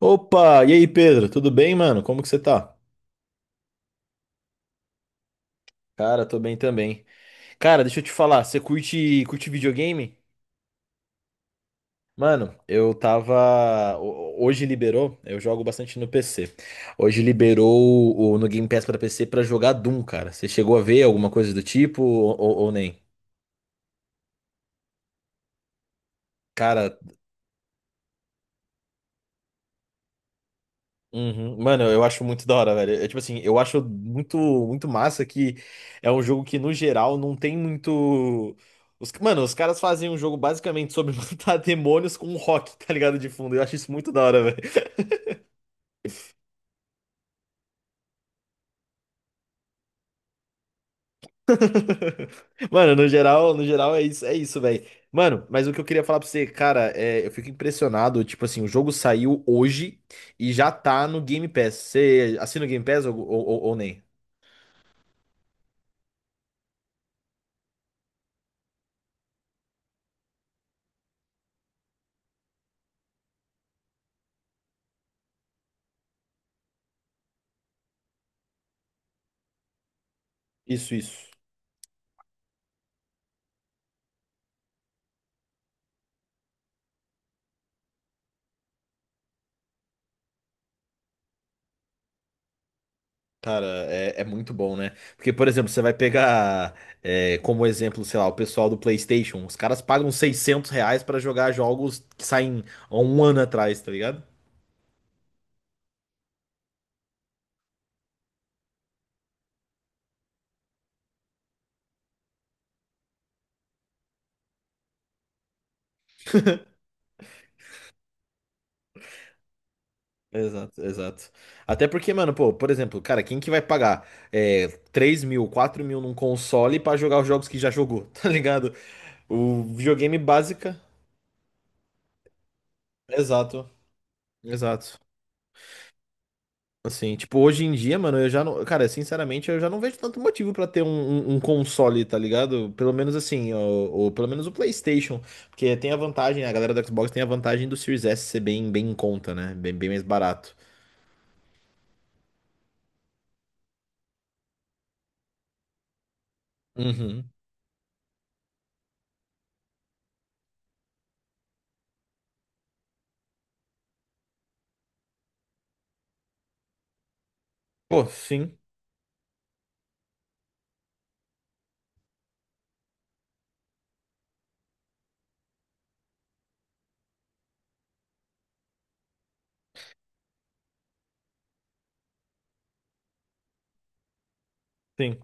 Opa, e aí, Pedro? Tudo bem, mano? Como que você tá? Cara, tô bem também. Cara, deixa eu te falar, você curte videogame? Mano, eu Hoje liberou, eu jogo bastante no PC. Hoje liberou no Game Pass pra PC pra jogar Doom, cara. Você chegou a ver alguma coisa do tipo ou nem? Cara. Uhum. Mano, eu acho muito da hora, velho. É tipo assim, eu acho muito, muito massa que é um jogo que, no geral, não tem muito. Os... Mano, os caras fazem um jogo basicamente sobre matar demônios com um rock, tá ligado? De fundo. Eu acho isso muito da hora, velho. Mano, no geral, no geral é isso, velho. Mano, mas o que eu queria falar pra você, cara, é, eu fico impressionado. Tipo assim, o jogo saiu hoje e já tá no Game Pass. Você assina o Game Pass ou nem? Isso, isso. Cara, é, é muito bom, né? Porque, por exemplo, você vai pegar é, como exemplo, sei lá, o pessoal do PlayStation. Os caras pagam R$ 600 pra jogar jogos que saem há um ano atrás, tá ligado? Exato, exato. Até porque, mano, pô, por exemplo, cara, quem que vai pagar é, 3 mil, 4 mil num console pra jogar os jogos que já jogou, tá ligado? O videogame básica. Exato, exato. Assim, tipo, hoje em dia, mano, eu já não. Cara, sinceramente, eu já não vejo tanto motivo pra ter um console, tá ligado? Pelo menos assim, ou pelo menos o PlayStation. Porque tem a vantagem, a galera do Xbox tem a vantagem do Series S ser bem, bem em conta, né? Bem, bem mais barato. Uhum. Pô, sim, sim.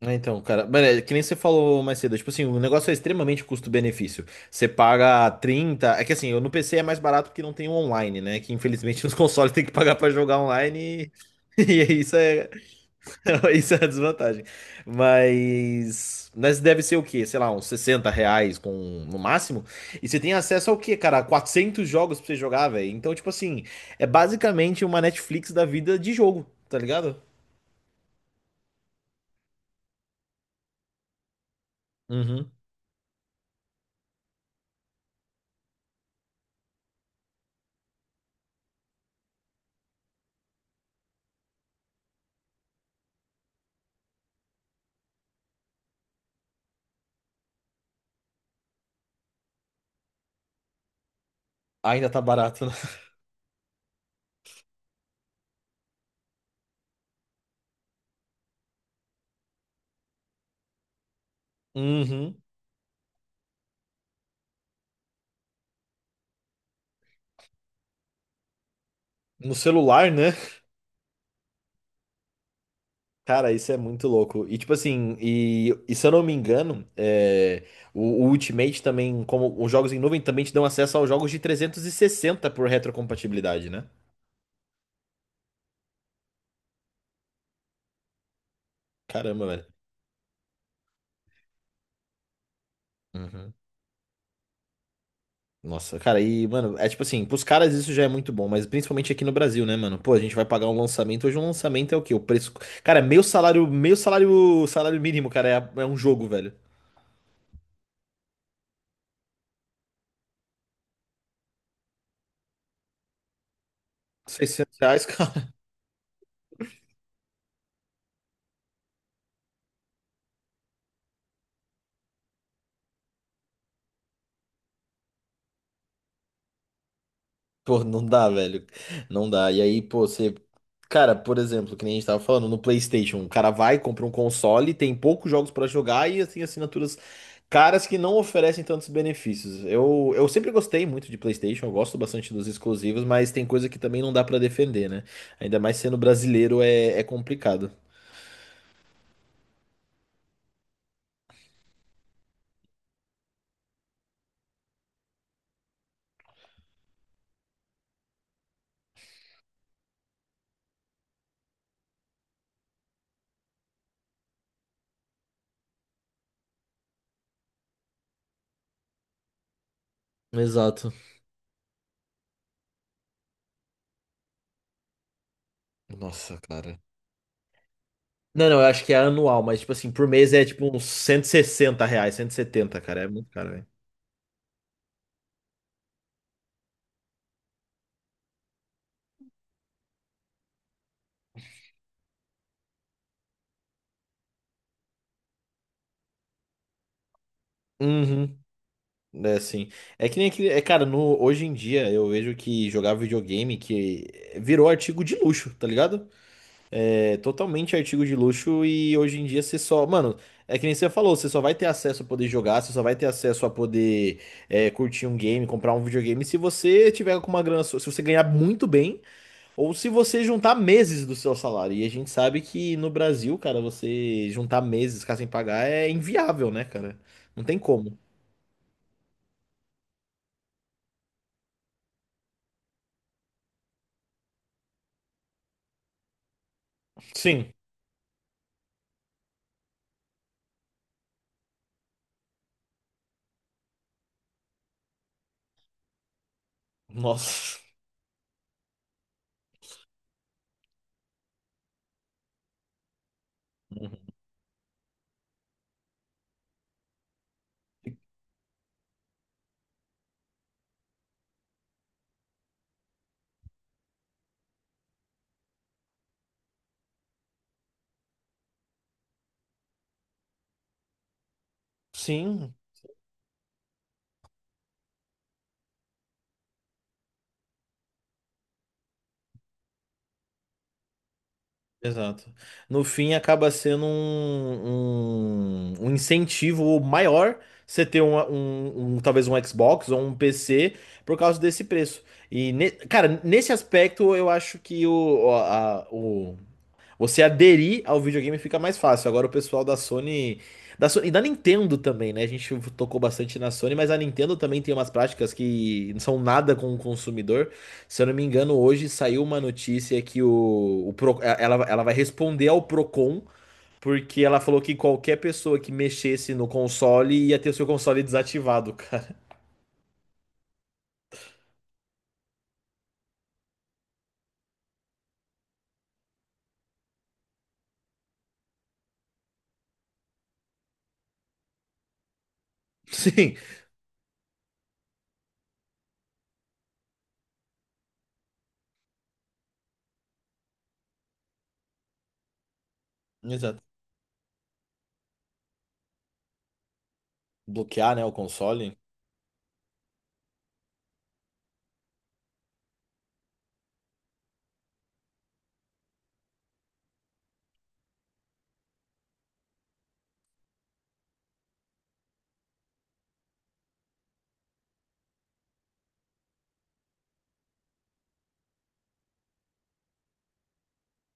É. Então, cara, mano, é que nem você falou mais cedo, tipo assim, o negócio é extremamente custo-benefício. Você paga 30 é que assim, eu no PC é mais barato porque não tem o online, né? Que infelizmente os consoles tem que pagar pra jogar online e, e é isso é, isso é a desvantagem. Mas. Mas deve ser o quê? Sei lá, uns R$ 60 com... no máximo. E você tem acesso ao quê, cara? 400 jogos pra você jogar, velho. Então, tipo assim, é basicamente uma Netflix da vida de jogo, tá ligado? Uhum. Ainda tá barato, né? Uhum. No celular, né? Cara, isso é muito louco. E tipo assim, e se eu não me engano, é, o Ultimate também, como os jogos em nuvem, também te dão acesso aos jogos de 360 por retrocompatibilidade, né? Caramba, velho. Uhum. Nossa, cara, e, mano, é tipo assim, pros caras isso já é muito bom, mas principalmente aqui no Brasil, né, mano? Pô, a gente vai pagar um lançamento, hoje um lançamento é o quê? O preço. Cara, meu salário, salário mínimo, cara, é um jogo, velho. R$ 600. Pô, não dá, velho. Não dá. E aí, pô, você. Cara, por exemplo, que nem a gente tava falando, no PlayStation, o cara vai, compra um console, tem poucos jogos pra jogar e assim, assinaturas caras que não oferecem tantos benefícios. Eu sempre gostei muito de PlayStation, eu gosto bastante dos exclusivos, mas tem coisa que também não dá pra defender, né? Ainda mais sendo brasileiro é complicado. Exato. Nossa, cara. Não, não, eu acho que é anual, mas tipo assim, por mês é tipo uns R$ 160, 170 cara. É muito caro, velho. É assim. É que nem aquele. É, cara, no, hoje em dia eu vejo que jogar videogame que virou artigo de luxo, tá ligado? É totalmente artigo de luxo e hoje em dia você só. Mano, é que nem você falou, você só vai ter acesso a poder jogar, você só vai ter acesso a poder é, curtir um game, comprar um videogame se você tiver com uma grana. Se você ganhar muito bem ou se você juntar meses do seu salário. E a gente sabe que no Brasil, cara, você juntar meses, ficar sem pagar é inviável, né, cara? Não tem como. Sim. Nossa. Uhum. Sim, exato. No fim, acaba sendo um incentivo maior você ter talvez um Xbox ou um PC por causa desse preço. E, cara, nesse aspecto, eu acho que o, a- o, você aderir ao videogame fica mais fácil. Agora o pessoal da Sony, e da Nintendo também, né? A gente tocou bastante na Sony, mas a Nintendo também tem umas práticas que não são nada com o consumidor. Se eu não me engano, hoje saiu uma notícia que ela vai responder ao Procon, porque ela falou que qualquer pessoa que mexesse no console ia ter o seu console desativado, cara. Sim, exato. Bloquear, né, o console.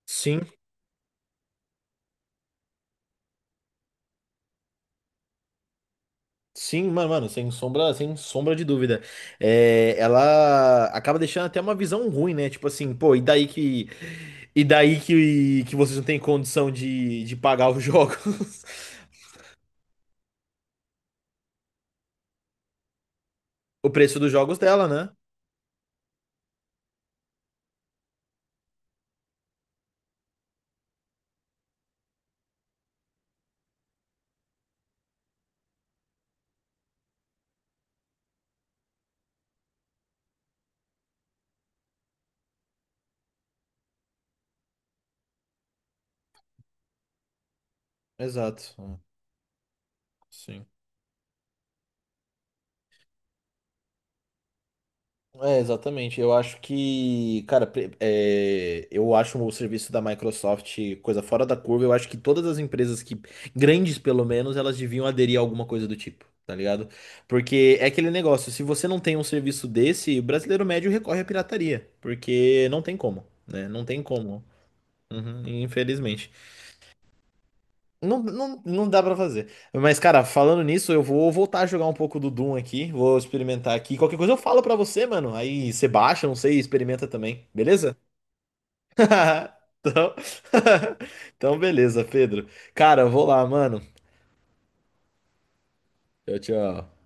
Sim. Sim, mano, mano, sem sombra, sem sombra de dúvida. É, ela acaba deixando até uma visão ruim, né? Tipo assim, pô, e daí que. E daí que vocês não têm condição de pagar os jogos. O preço dos jogos dela, né? Exato. Sim. É, exatamente. Eu acho que, cara, eu acho o serviço da Microsoft coisa fora da curva. Eu acho que todas as empresas que, grandes pelo menos, elas deviam aderir a alguma coisa do tipo, tá ligado? Porque é aquele negócio, se você não tem um serviço desse, o brasileiro médio recorre à pirataria, porque não tem como, né? Não tem como. Uhum, infelizmente. Não, não, não dá pra fazer. Mas, cara, falando nisso, eu vou voltar a jogar um pouco do Doom aqui. Vou experimentar aqui. Qualquer coisa eu falo pra você, mano. Aí você baixa, não sei, experimenta também. Beleza? Então, então beleza, Pedro. Cara, eu vou lá, mano. Tchau, tchau.